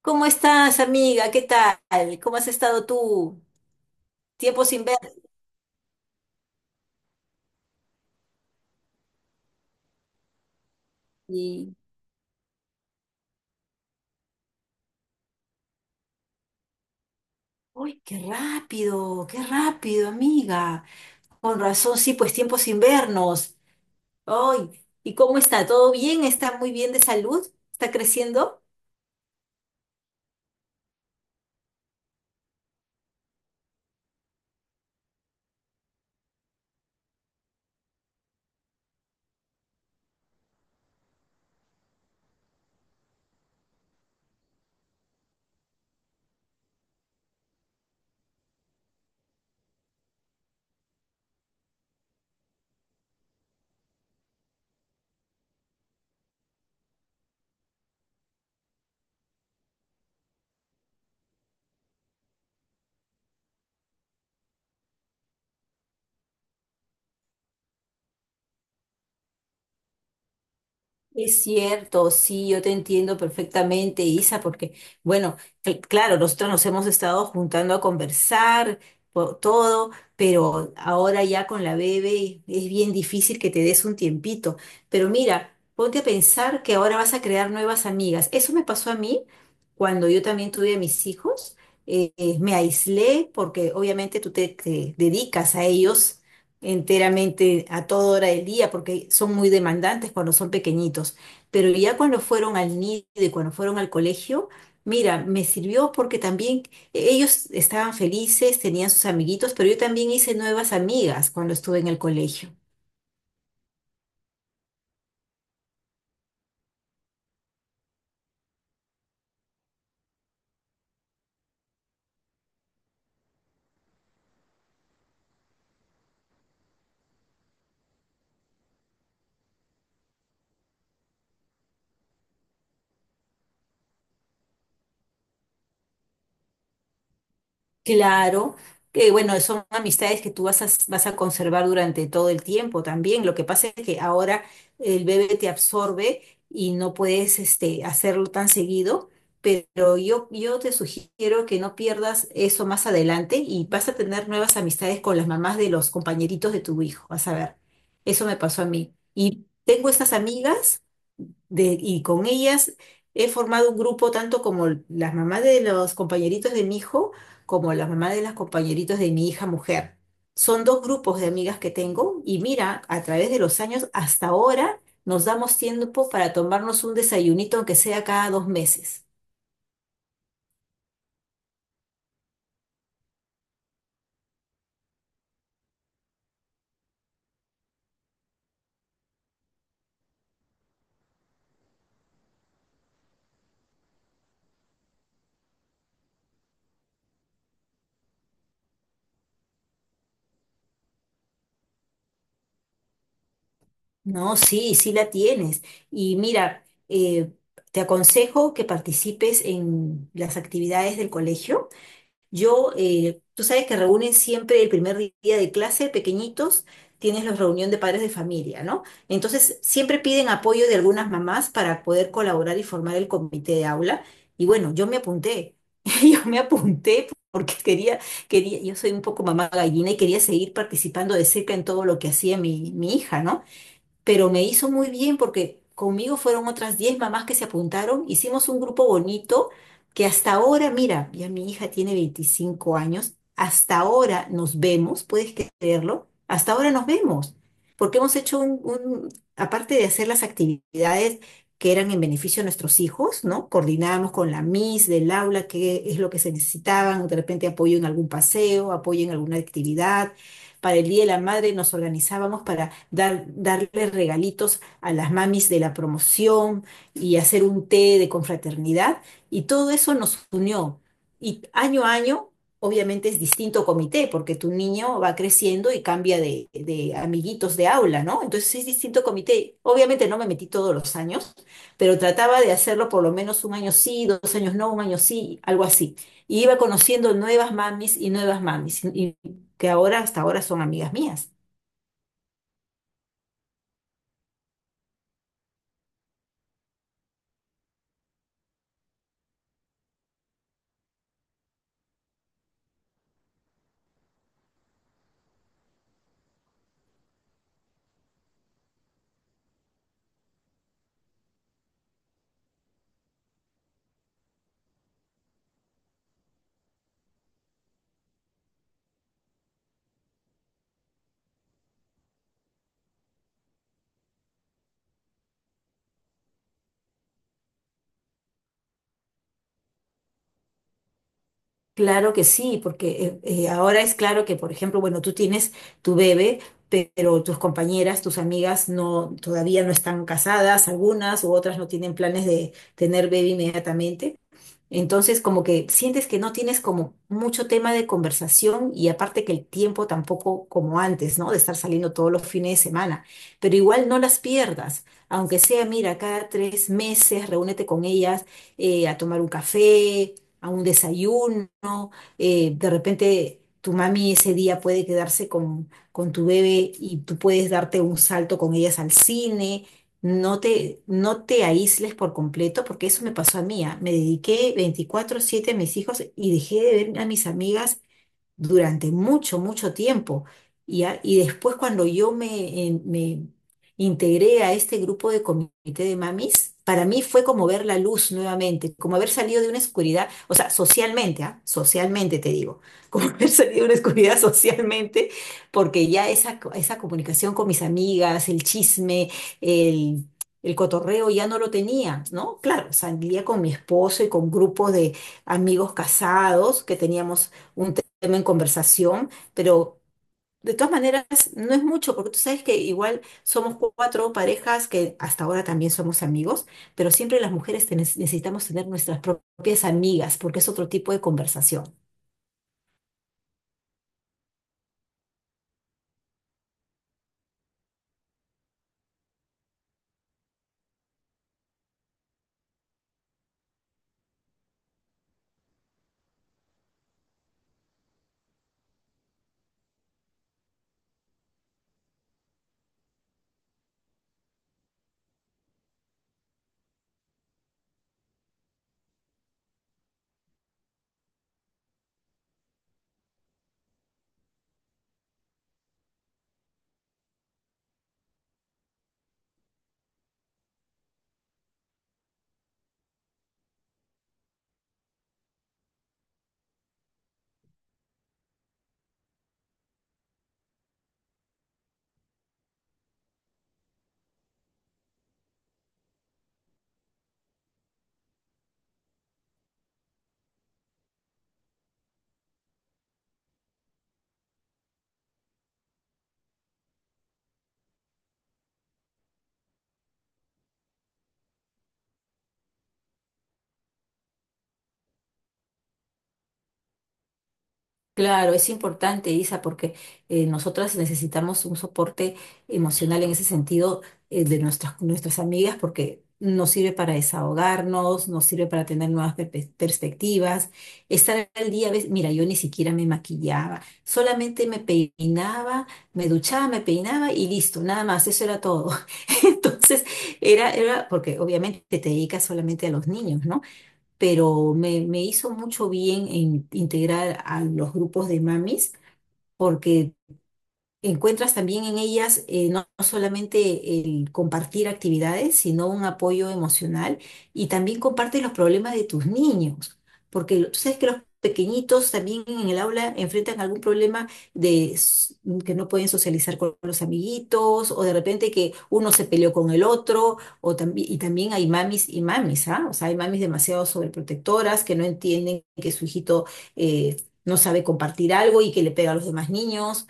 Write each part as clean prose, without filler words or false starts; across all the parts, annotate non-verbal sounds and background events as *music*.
¿Cómo estás, amiga? ¿Qué tal? ¿Cómo has estado tú? Tiempo sin verte. Uy, qué rápido, amiga. Con razón, sí, pues tiempo sin vernos. Ay, ¿y cómo está? ¿Todo bien? ¿Está muy bien de salud? ¿Está creciendo? Es cierto, sí, yo te entiendo perfectamente, Isa, porque, bueno, claro, nosotros nos hemos estado juntando a conversar por todo, pero ahora ya con la bebé es bien difícil que te des un tiempito. Pero mira, ponte a pensar que ahora vas a crear nuevas amigas. Eso me pasó a mí cuando yo también tuve a mis hijos. Me aislé porque obviamente tú te dedicas a ellos enteramente a toda hora del día, porque son muy demandantes cuando son pequeñitos. Pero ya cuando fueron al nido y cuando fueron al colegio, mira, me sirvió porque también ellos estaban felices, tenían sus amiguitos, pero yo también hice nuevas amigas cuando estuve en el colegio. Claro, que bueno, son amistades que tú vas a conservar durante todo el tiempo también. Lo que pasa es que ahora el bebé te absorbe y no puedes hacerlo tan seguido, pero yo te sugiero que no pierdas eso más adelante y vas a tener nuevas amistades con las mamás de los compañeritos de tu hijo. Vas a ver, eso me pasó a mí. Y tengo estas amigas y con ellas he formado un grupo tanto como las mamás de los compañeritos de mi hijo como la mamá de las compañeritos de mi hija mujer. Son dos grupos de amigas que tengo y mira, a través de los años hasta ahora nos damos tiempo para tomarnos un desayunito, aunque sea cada 2 meses. No, sí, sí la tienes. Y mira, eh, te aconsejo que participes en las actividades del colegio. Yo, tú sabes que reúnen siempre el primer día de clase, pequeñitos, tienes la reunión de padres de familia, ¿no? Entonces, siempre piden apoyo de algunas mamás para poder colaborar y formar el comité de aula. Y bueno, yo me apunté, *laughs* yo me apunté porque quería, yo soy un poco mamá gallina y quería seguir participando de cerca en todo lo que hacía mi hija, ¿no? Pero me hizo muy bien porque conmigo fueron otras 10 mamás que se apuntaron, hicimos un grupo bonito que hasta ahora, mira, ya mi hija tiene 25 años, hasta ahora nos vemos, puedes creerlo, hasta ahora nos vemos, porque hemos hecho aparte de hacer las actividades que eran en beneficio de nuestros hijos, ¿no? Coordinábamos con la Miss del aula qué es lo que se necesitaban, de repente apoyo en algún paseo, apoyo en alguna actividad. Para el Día de la Madre nos organizábamos darle regalitos a las mamis de la promoción y hacer un té de confraternidad. Y todo eso nos unió. Y año a año, obviamente es distinto comité, porque tu niño va creciendo y cambia de amiguitos de aula, ¿no? Entonces es distinto comité. Obviamente no me metí todos los años, pero trataba de hacerlo por lo menos un año sí, dos años no, un año sí, algo así. Y iba conociendo nuevas mamis, y que ahora hasta ahora son amigas mías. Claro que sí, porque ahora es claro que, por ejemplo, bueno, tú tienes tu bebé, pero tus compañeras, tus amigas no, todavía no están casadas, algunas u otras no tienen planes de tener bebé inmediatamente. Entonces, como que sientes que no tienes como mucho tema de conversación y aparte que el tiempo tampoco como antes, ¿no? De estar saliendo todos los fines de semana. Pero igual no las pierdas, aunque sea, mira, cada 3 meses reúnete con ellas, a tomar un café, a un desayuno. De repente tu mami ese día puede quedarse con tu bebé y tú puedes darte un salto con ellas al cine. No te aísles por completo, porque eso me pasó a mí. Ah. Me dediqué 24/7 a mis hijos y dejé de ver a mis amigas durante mucho, mucho tiempo. Y después cuando me integré a este grupo de comité de mamis, para mí fue como ver la luz nuevamente, como haber salido de una oscuridad, o sea, socialmente, ¿ah? Socialmente te digo, *laughs* como haber salido de una oscuridad socialmente, porque ya esa comunicación con mis amigas, el chisme, el... El cotorreo ya no lo tenía, ¿no? Claro, salía con mi esposo y con grupos de amigos casados que teníamos un tema en conversación, pero de todas maneras no es mucho, porque tú sabes que igual somos cuatro parejas que hasta ahora también somos amigos, pero siempre las mujeres necesitamos tener nuestras propias amigas, porque es otro tipo de conversación. Claro, es importante, Isa, porque nosotras necesitamos un soporte emocional en ese sentido, de nuestras amigas, porque nos sirve para desahogarnos, nos sirve para tener nuevas perspectivas, estar al día. ¿Ves? Mira, yo ni siquiera me maquillaba, solamente me peinaba, me duchaba, me peinaba y listo, nada más, eso era todo. *laughs* Entonces, era, porque obviamente te dedicas solamente a los niños, ¿no? Pero me hizo mucho bien en integrar a los grupos de mamis porque encuentras también en ellas, no solamente el compartir actividades, sino un apoyo emocional y también compartes los problemas de tus niños, porque tú sabes que los pequeñitos también en el aula enfrentan algún problema de s- que no pueden socializar con los amiguitos o de repente que uno se peleó con el otro, o también y también hay mamis y mamis, ¿ah? O sea, hay mamis demasiado sobreprotectoras que no entienden que su hijito, eh, no sabe compartir algo y que le pega a los demás niños.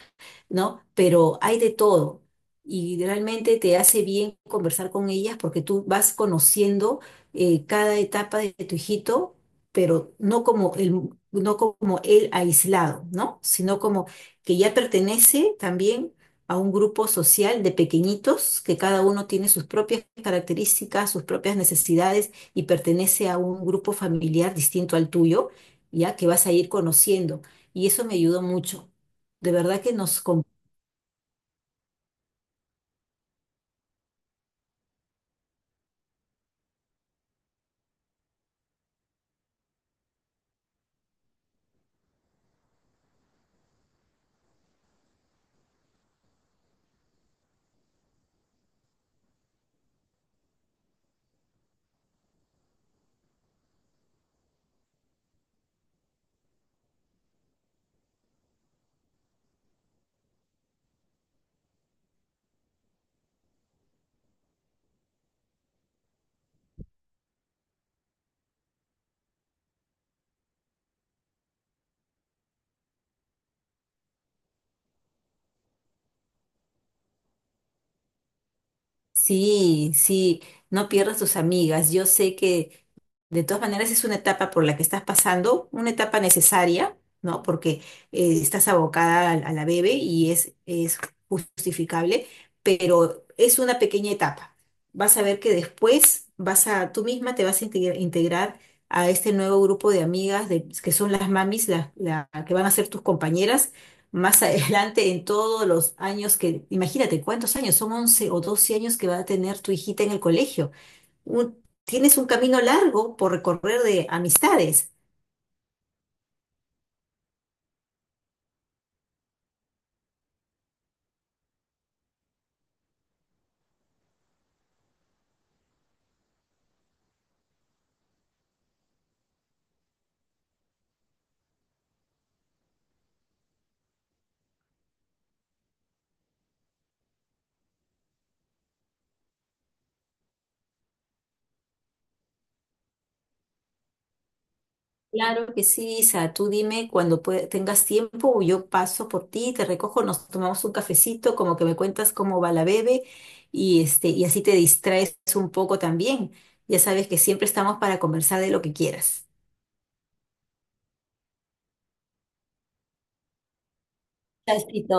¿No? Pero hay de todo y realmente te hace bien conversar con ellas porque tú vas conociendo, cada etapa de tu hijito, pero no como él aislado, ¿no? Sino como que ya pertenece también a un grupo social de pequeñitos que cada uno tiene sus propias características, sus propias necesidades y pertenece a un grupo familiar distinto al tuyo, ya que vas a ir conociendo. Y eso me ayudó mucho. De verdad que nos. Sí, sí, no pierdas tus amigas. Yo sé que, de todas maneras, es una etapa por la que estás pasando, una etapa necesaria, ¿no? Porque, estás abocada a la bebé y es justificable, pero es una pequeña etapa. Vas a ver que después tú misma te vas a integrar a este nuevo grupo de amigas que son las mamis, que van a ser tus compañeras más *laughs* adelante en todos los años que, imagínate, ¿cuántos años? Son 11 o 12 años que va a tener tu hijita en el colegio. Tienes un camino largo por recorrer de amistades. Claro que sí, Isa, tú dime cuando tengas tiempo, yo paso por ti, te recojo, nos tomamos un cafecito, como que me cuentas cómo va la bebé y así te distraes un poco también. Ya sabes que siempre estamos para conversar de lo que quieras. Chasito.